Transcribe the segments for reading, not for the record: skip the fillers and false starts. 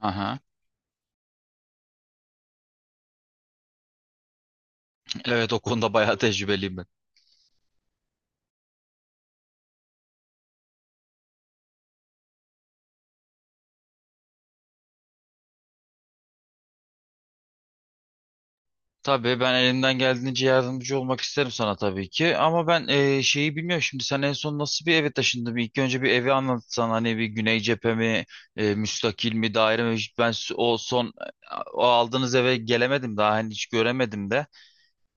Aha. Evet, o konuda bayağı tecrübeliyim ben. Tabii ben elimden geldiğince yardımcı olmak isterim sana tabii ki. Ama ben şeyi bilmiyorum, şimdi sen en son nasıl bir eve taşındın? İlk önce bir evi anlatsan, hani bir güney cephe mi, müstakil mi, daire mi? Hiç Ben s- o son O aldığınız eve gelemedim daha, hani hiç göremedim de.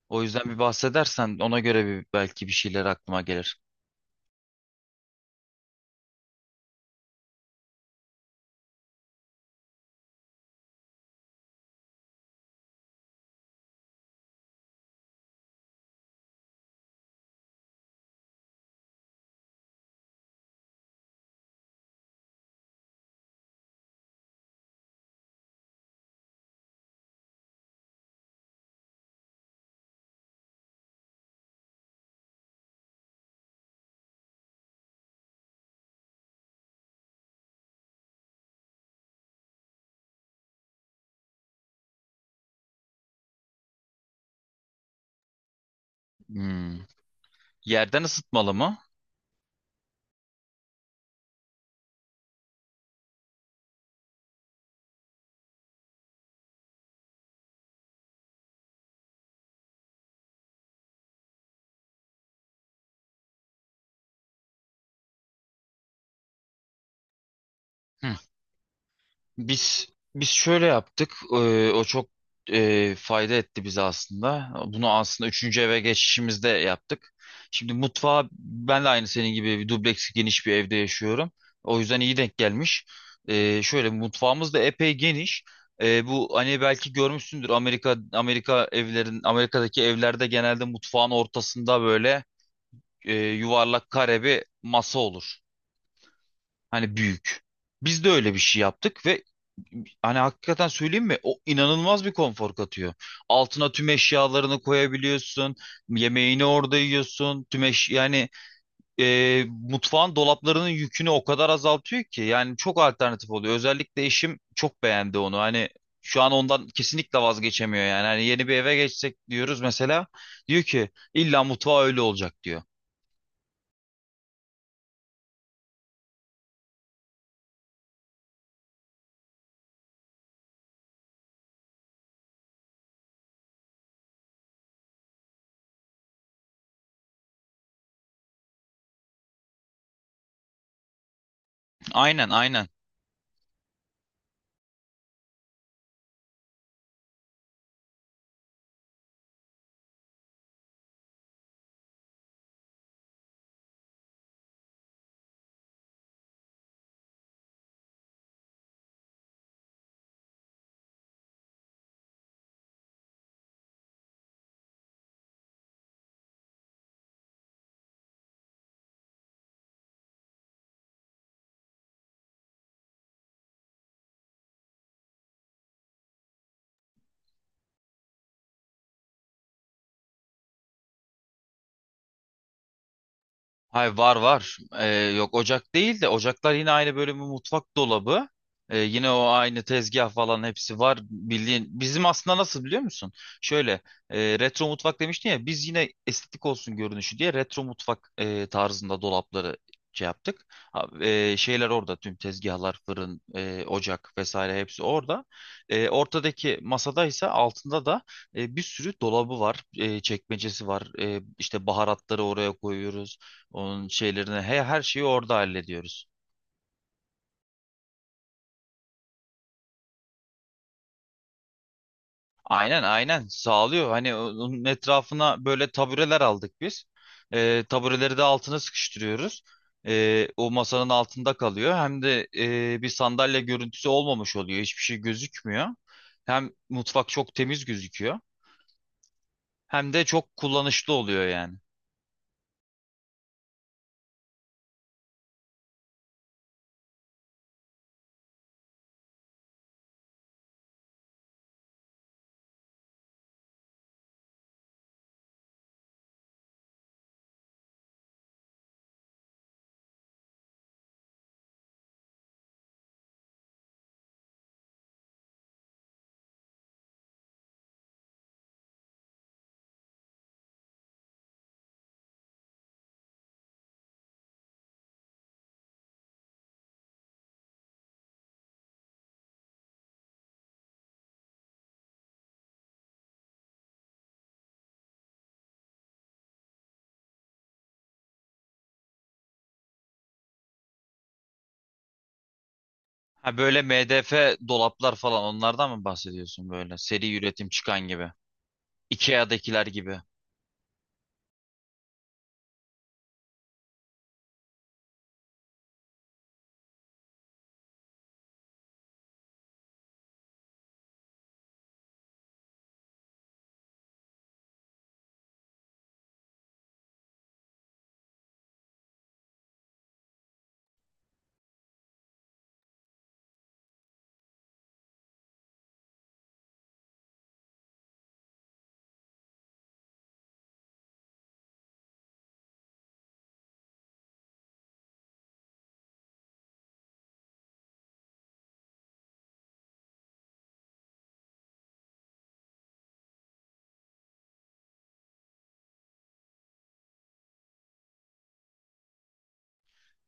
O yüzden bir bahsedersen, ona göre bir belki bir şeyler aklıma gelir. Hmm. Yerden ısıtmalı mı? Biz biz şöyle yaptık. O çok fayda etti bize aslında. Bunu aslında üçüncü eve geçişimizde yaptık. Şimdi mutfağa, ben de aynı senin gibi bir dubleks geniş bir evde yaşıyorum. O yüzden iyi denk gelmiş. Şöyle, mutfağımız da epey geniş. Bu hani belki görmüşsündür, Amerika'daki evlerde genelde mutfağın ortasında böyle yuvarlak kare bir masa olur. Hani büyük. Biz de öyle bir şey yaptık ve hani hakikaten söyleyeyim mi? O inanılmaz bir konfor katıyor. Altına tüm eşyalarını koyabiliyorsun. Yemeğini orada yiyorsun. Tüm eş yani Mutfağın dolaplarının yükünü o kadar azaltıyor ki, yani çok alternatif oluyor. Özellikle eşim çok beğendi onu. Hani şu an ondan kesinlikle vazgeçemiyor yani. Hani yeni bir eve geçsek diyoruz mesela. Diyor ki illa mutfağı öyle olacak diyor. Aynen, aynen. Hayır, var, var. Yok, ocak değil de ocaklar yine aynı bölümü, mutfak dolabı. Yine o aynı tezgah falan hepsi var. Bildiğin, bizim aslında nasıl, biliyor musun? Şöyle, retro mutfak demiştin ya, biz yine estetik olsun görünüşü diye retro mutfak tarzında dolapları şey yaptık. Ha, şeyler orada, tüm tezgahlar, fırın, ocak vesaire hepsi orada. E, ortadaki masada ise altında da bir sürü dolabı var, çekmecesi var. E, işte baharatları oraya koyuyoruz. Onun şeylerine he, her şeyi orada hallediyoruz. Aynen, aynen sağlıyor. Hani onun etrafına böyle tabureler aldık biz. Tabureleri de altına sıkıştırıyoruz. O masanın altında kalıyor. Hem de bir sandalye görüntüsü olmamış oluyor. Hiçbir şey gözükmüyor. Hem mutfak çok temiz gözüküyor. Hem de çok kullanışlı oluyor yani. Ha, böyle MDF dolaplar falan, onlardan mı bahsediyorsun böyle? Seri üretim çıkan gibi. IKEA'dakiler gibi.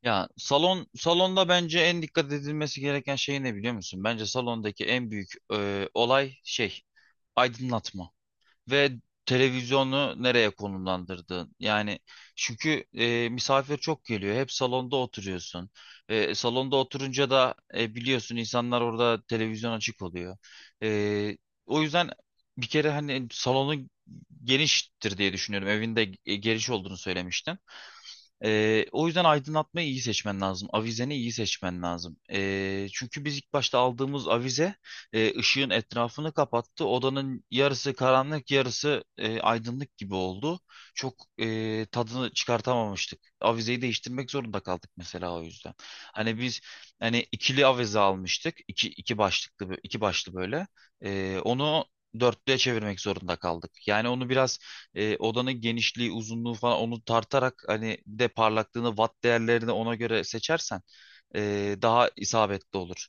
Ya salon, salonda bence en dikkat edilmesi gereken şey ne, biliyor musun? Bence salondaki en büyük olay şey aydınlatma ve televizyonu nereye konumlandırdığın. Yani çünkü misafir çok geliyor. Hep salonda oturuyorsun. E, salonda oturunca da biliyorsun, insanlar orada televizyon açık oluyor. E, O yüzden bir kere hani salonun geniştir diye düşünüyorum. Evinde geniş olduğunu söylemiştin. O yüzden aydınlatmayı iyi seçmen lazım. Avizeni iyi seçmen lazım. Çünkü biz ilk başta aldığımız avize ışığın etrafını kapattı. Odanın yarısı karanlık, yarısı aydınlık gibi oldu. Çok tadını çıkartamamıştık. Avizeyi değiştirmek zorunda kaldık mesela o yüzden. Hani hani ikili avize almıştık. İki başlıklı, iki başlı böyle. Onu dörtlüye çevirmek zorunda kaldık. Yani onu biraz odanın genişliği, uzunluğu falan, onu tartarak, hani bir de parlaklığını, watt değerlerini ona göre seçersen daha isabetli olur.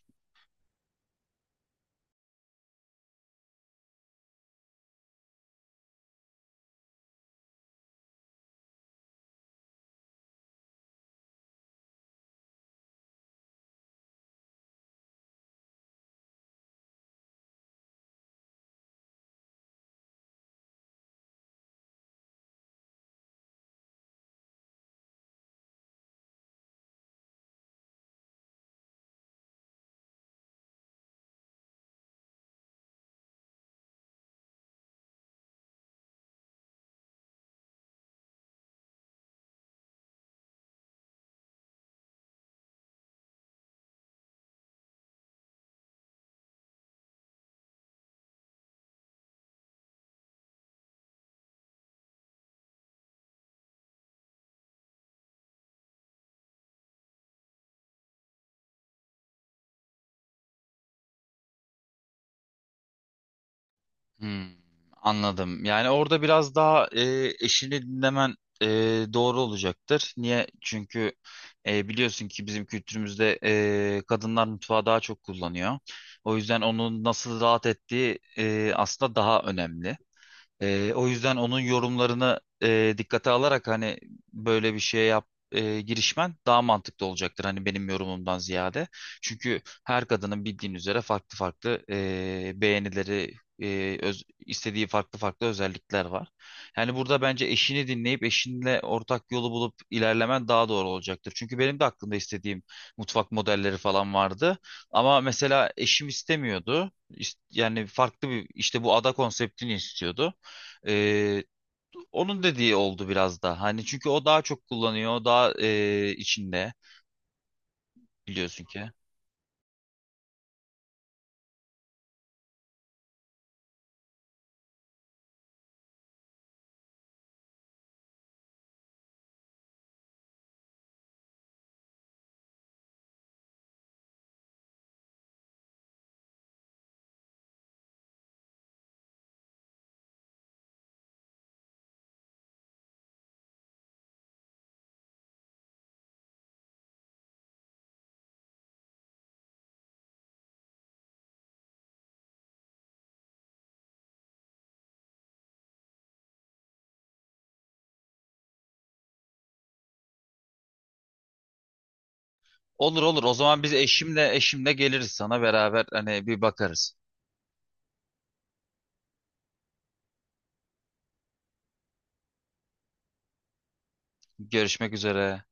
Hmm, anladım. Yani orada biraz daha eşini dinlemen e, doğru olacaktır. Niye? Çünkü biliyorsun ki bizim kültürümüzde kadınlar mutfağı daha çok kullanıyor. O yüzden onun nasıl rahat ettiği aslında daha önemli. O yüzden onun yorumlarını dikkate alarak, hani böyle bir şeye girişmen daha mantıklı olacaktır, hani benim yorumumdan ziyade. Çünkü her kadının bildiğin üzere farklı farklı beğenileri, istediği farklı farklı özellikler var. Yani burada bence eşini dinleyip eşinle ortak yolu bulup ilerlemen daha doğru olacaktır. Çünkü benim de aklımda istediğim mutfak modelleri falan vardı. Ama mesela eşim istemiyordu. Yani farklı bir, işte bu ada konseptini istiyordu. Ee, Onun dediği oldu biraz da. Hani çünkü o daha çok kullanıyor. Daha içinde biliyorsun ki. Olur, olur. O zaman biz eşimle geliriz sana, beraber hani bir bakarız. Görüşmek üzere.